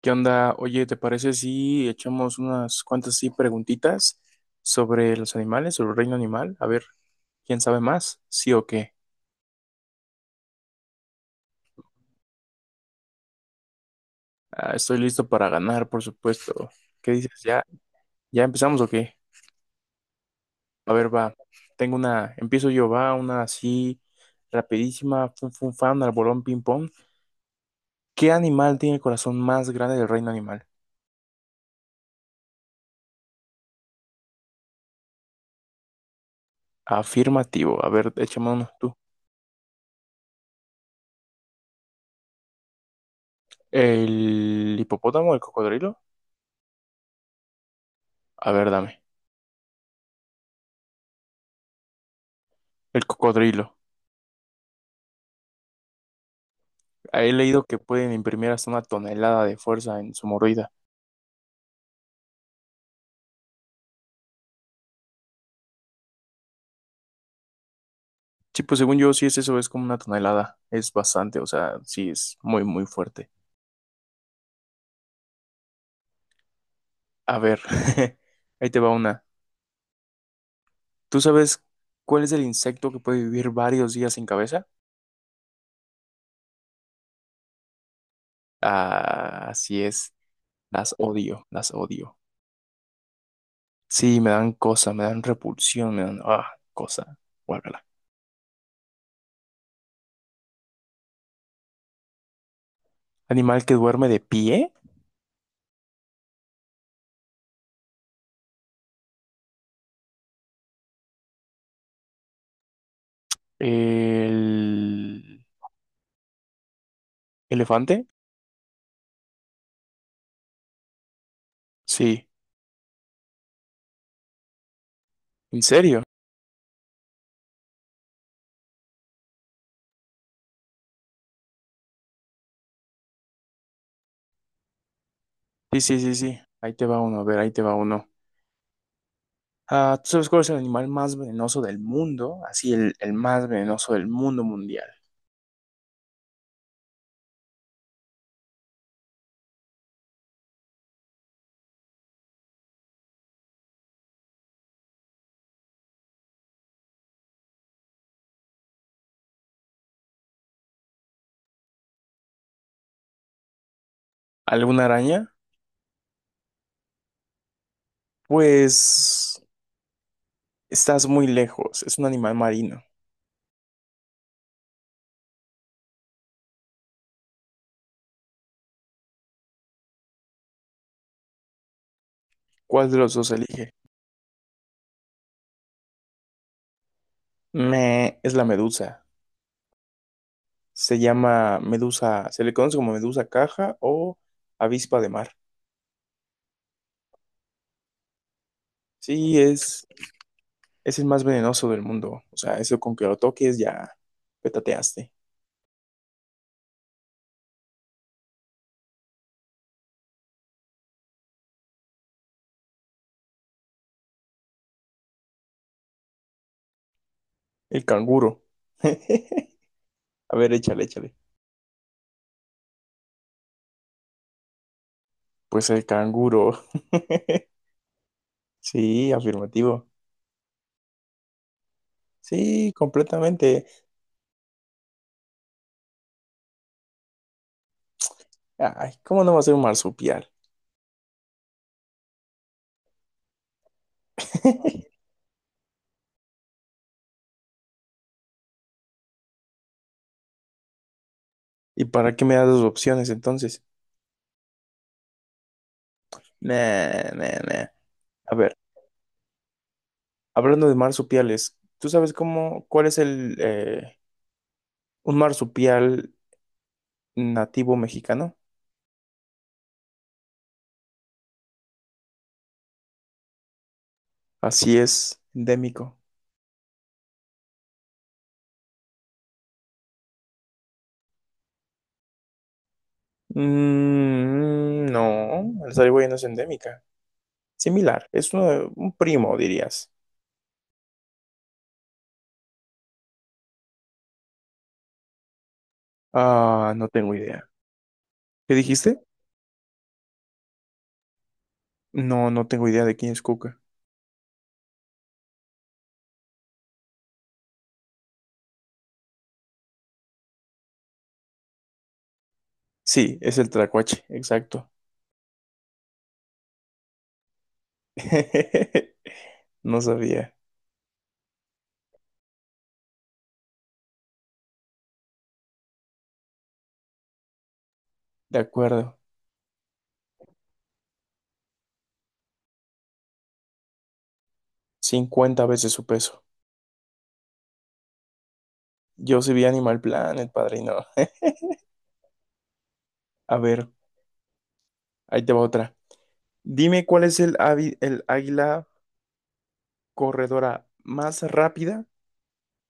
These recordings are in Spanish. ¿Qué onda? Oye, ¿te parece si echamos unas cuantas sí preguntitas sobre los animales, sobre el reino animal? A ver, ¿quién sabe más? ¿Sí o qué? Ah, estoy listo para ganar, por supuesto. ¿Qué dices? ¿Ya, ya empezamos o qué? A ver, va. Tengo una, empiezo yo, va, una así rapidísima, fun fun fan, al bolón ping pong. ¿Qué animal tiene el corazón más grande del reino animal? Afirmativo. A ver, échame uno tú. ¿El hipopótamo, el cocodrilo? A ver, dame. El cocodrilo. He leído que pueden imprimir hasta una tonelada de fuerza en su mordida. Sí, pues según yo, sí es eso, es como una tonelada. Es bastante, o sea, sí es muy, muy fuerte. A ver, ahí te va una. ¿Tú sabes cuál es el insecto que puede vivir varios días sin cabeza? Ah, así es. Las odio, las odio. Sí, me dan cosa, me dan repulsión, me dan, cosa. Guácala. Animal que duerme de pie. El elefante. Sí, en serio. Sí, sí, sí, sí. Ahí te va uno, a ver, ahí te va uno. Ah, ¿tú sabes cuál es el animal más venenoso del mundo? Así, el más venenoso del mundo mundial. ¿Alguna araña? Pues estás muy lejos. Es un animal marino. ¿Cuál de los dos elige? Es la medusa. Se llama medusa, se le conoce como medusa caja o avispa de mar. Sí, es el más venenoso del mundo. O sea, eso con que lo toques ya petateaste. El canguro. A ver, échale, échale. Pues el canguro. Sí, afirmativo. Sí, completamente. Ay, ¿cómo no va a ser un marsupial? ¿Y para qué me das dos opciones entonces? Nah, nah, nah. A ver, hablando de marsupiales, ¿tú sabes cómo, cuál es el, un marsupial nativo mexicano? Así es, endémico. Mm, no, la zarigüeya no es endémica. Similar, es uno un primo, dirías. Ah, no tengo idea. ¿Qué dijiste? No, no tengo idea de quién es Cuca. Sí, es el Tracuache, exacto. No sabía. De acuerdo. 50 veces su peso. Yo sí vi Animal Planet, padrino. A ver, ahí te va otra. Dime cuál es el, el águila corredora más rápida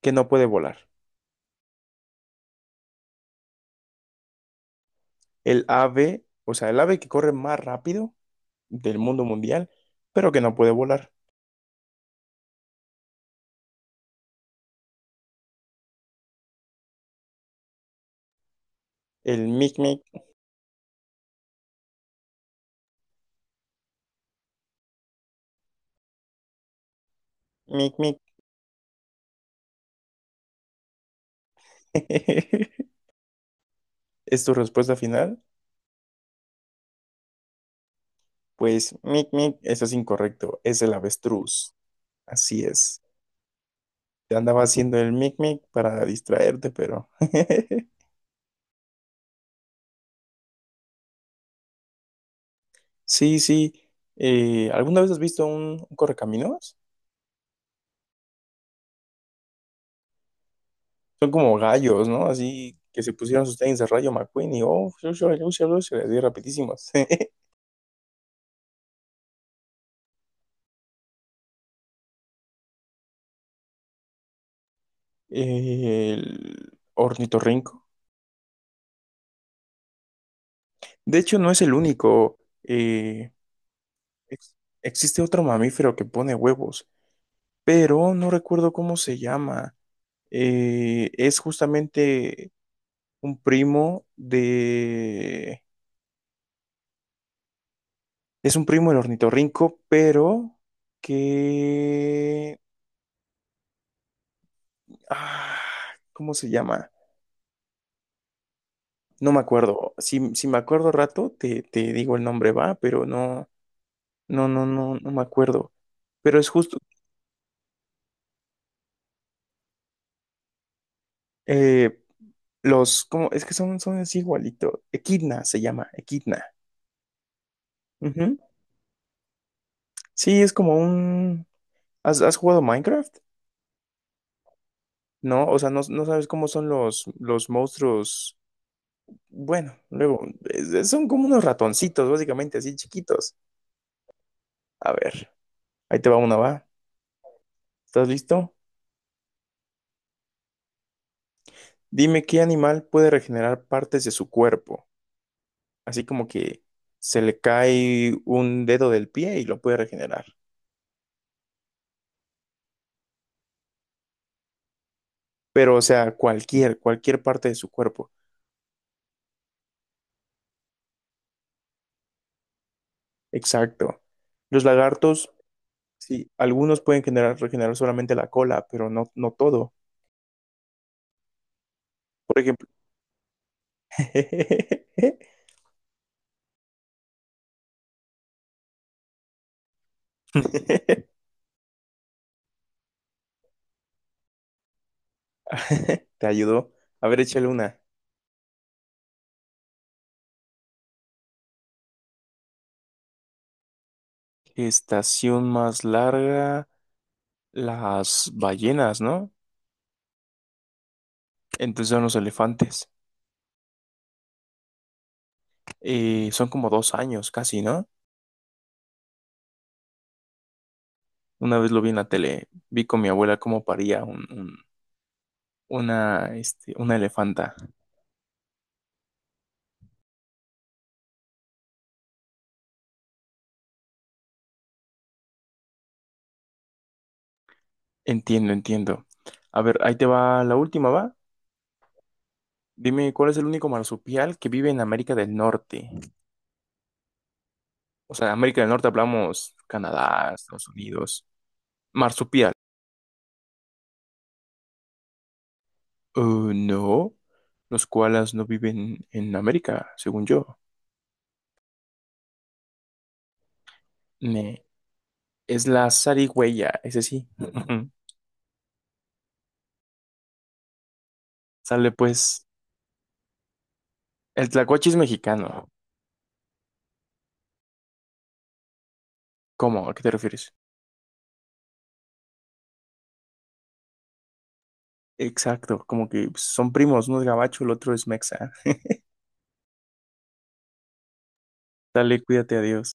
que no puede volar. El ave, o sea, el ave que corre más rápido del mundo mundial, pero que no puede volar. El mic mic, mic mic. ¿Es tu respuesta final? Pues, mic, mic, eso es incorrecto, es el avestruz. Así es. Te andaba haciendo el mic, mic para distraerte, pero... Sí, sí. ¿Alguna vez has visto un correcaminos? Son como gallos, ¿no? Así que se pusieron sus tenis de Rayo McQueen y, oh, yo, así rapidísimos. El ornitorrinco. De hecho, no es el único. eh, ex- existe otro mamífero que pone huevos, pero no recuerdo cómo se llama. Es justamente un primo de... Es un primo del ornitorrinco, pero que... ah, ¿cómo se llama? No me acuerdo. Si, si me acuerdo rato, te digo el nombre, va, pero no, no, no, no, no me acuerdo. Pero es justo... eh, los... ¿cómo? Es que son, son así igualito. Equidna se llama, Equidna. Ujú. Sí, es como un... ¿Has, has jugado Minecraft? No, o sea, no, no sabes cómo son los monstruos. Bueno, luego, son como unos ratoncitos, básicamente, así chiquitos. A ver, ahí te va una, va. ¿Estás listo? Dime qué animal puede regenerar partes de su cuerpo. Así como que se le cae un dedo del pie y lo puede regenerar. Pero, o sea, cualquier, cualquier parte de su cuerpo. Exacto. Los lagartos, sí, algunos pueden generar, regenerar solamente la cola, pero no, no todo. Por ejemplo. Te ayudó. A ver, échale una. Estación más larga, las ballenas, ¿no? Entonces son los elefantes. Son como 2 años casi, ¿no? Una vez lo vi en la tele, vi con mi abuela cómo paría una, este, una elefanta. Entiendo, entiendo. A ver, ahí te va la última, ¿va? Dime, ¿cuál es el único marsupial que vive en América del Norte? O sea, América del Norte hablamos Canadá, Estados Unidos. Marsupial. Eh, no, los koalas no viven en América, según yo. Ne, es la zarigüeya, ese sí. Sale pues. El tlacuache es mexicano. ¿Cómo? ¿A qué te refieres? Exacto, como que son primos, uno es gabacho, el otro es mexa. Dale, cuídate, adiós.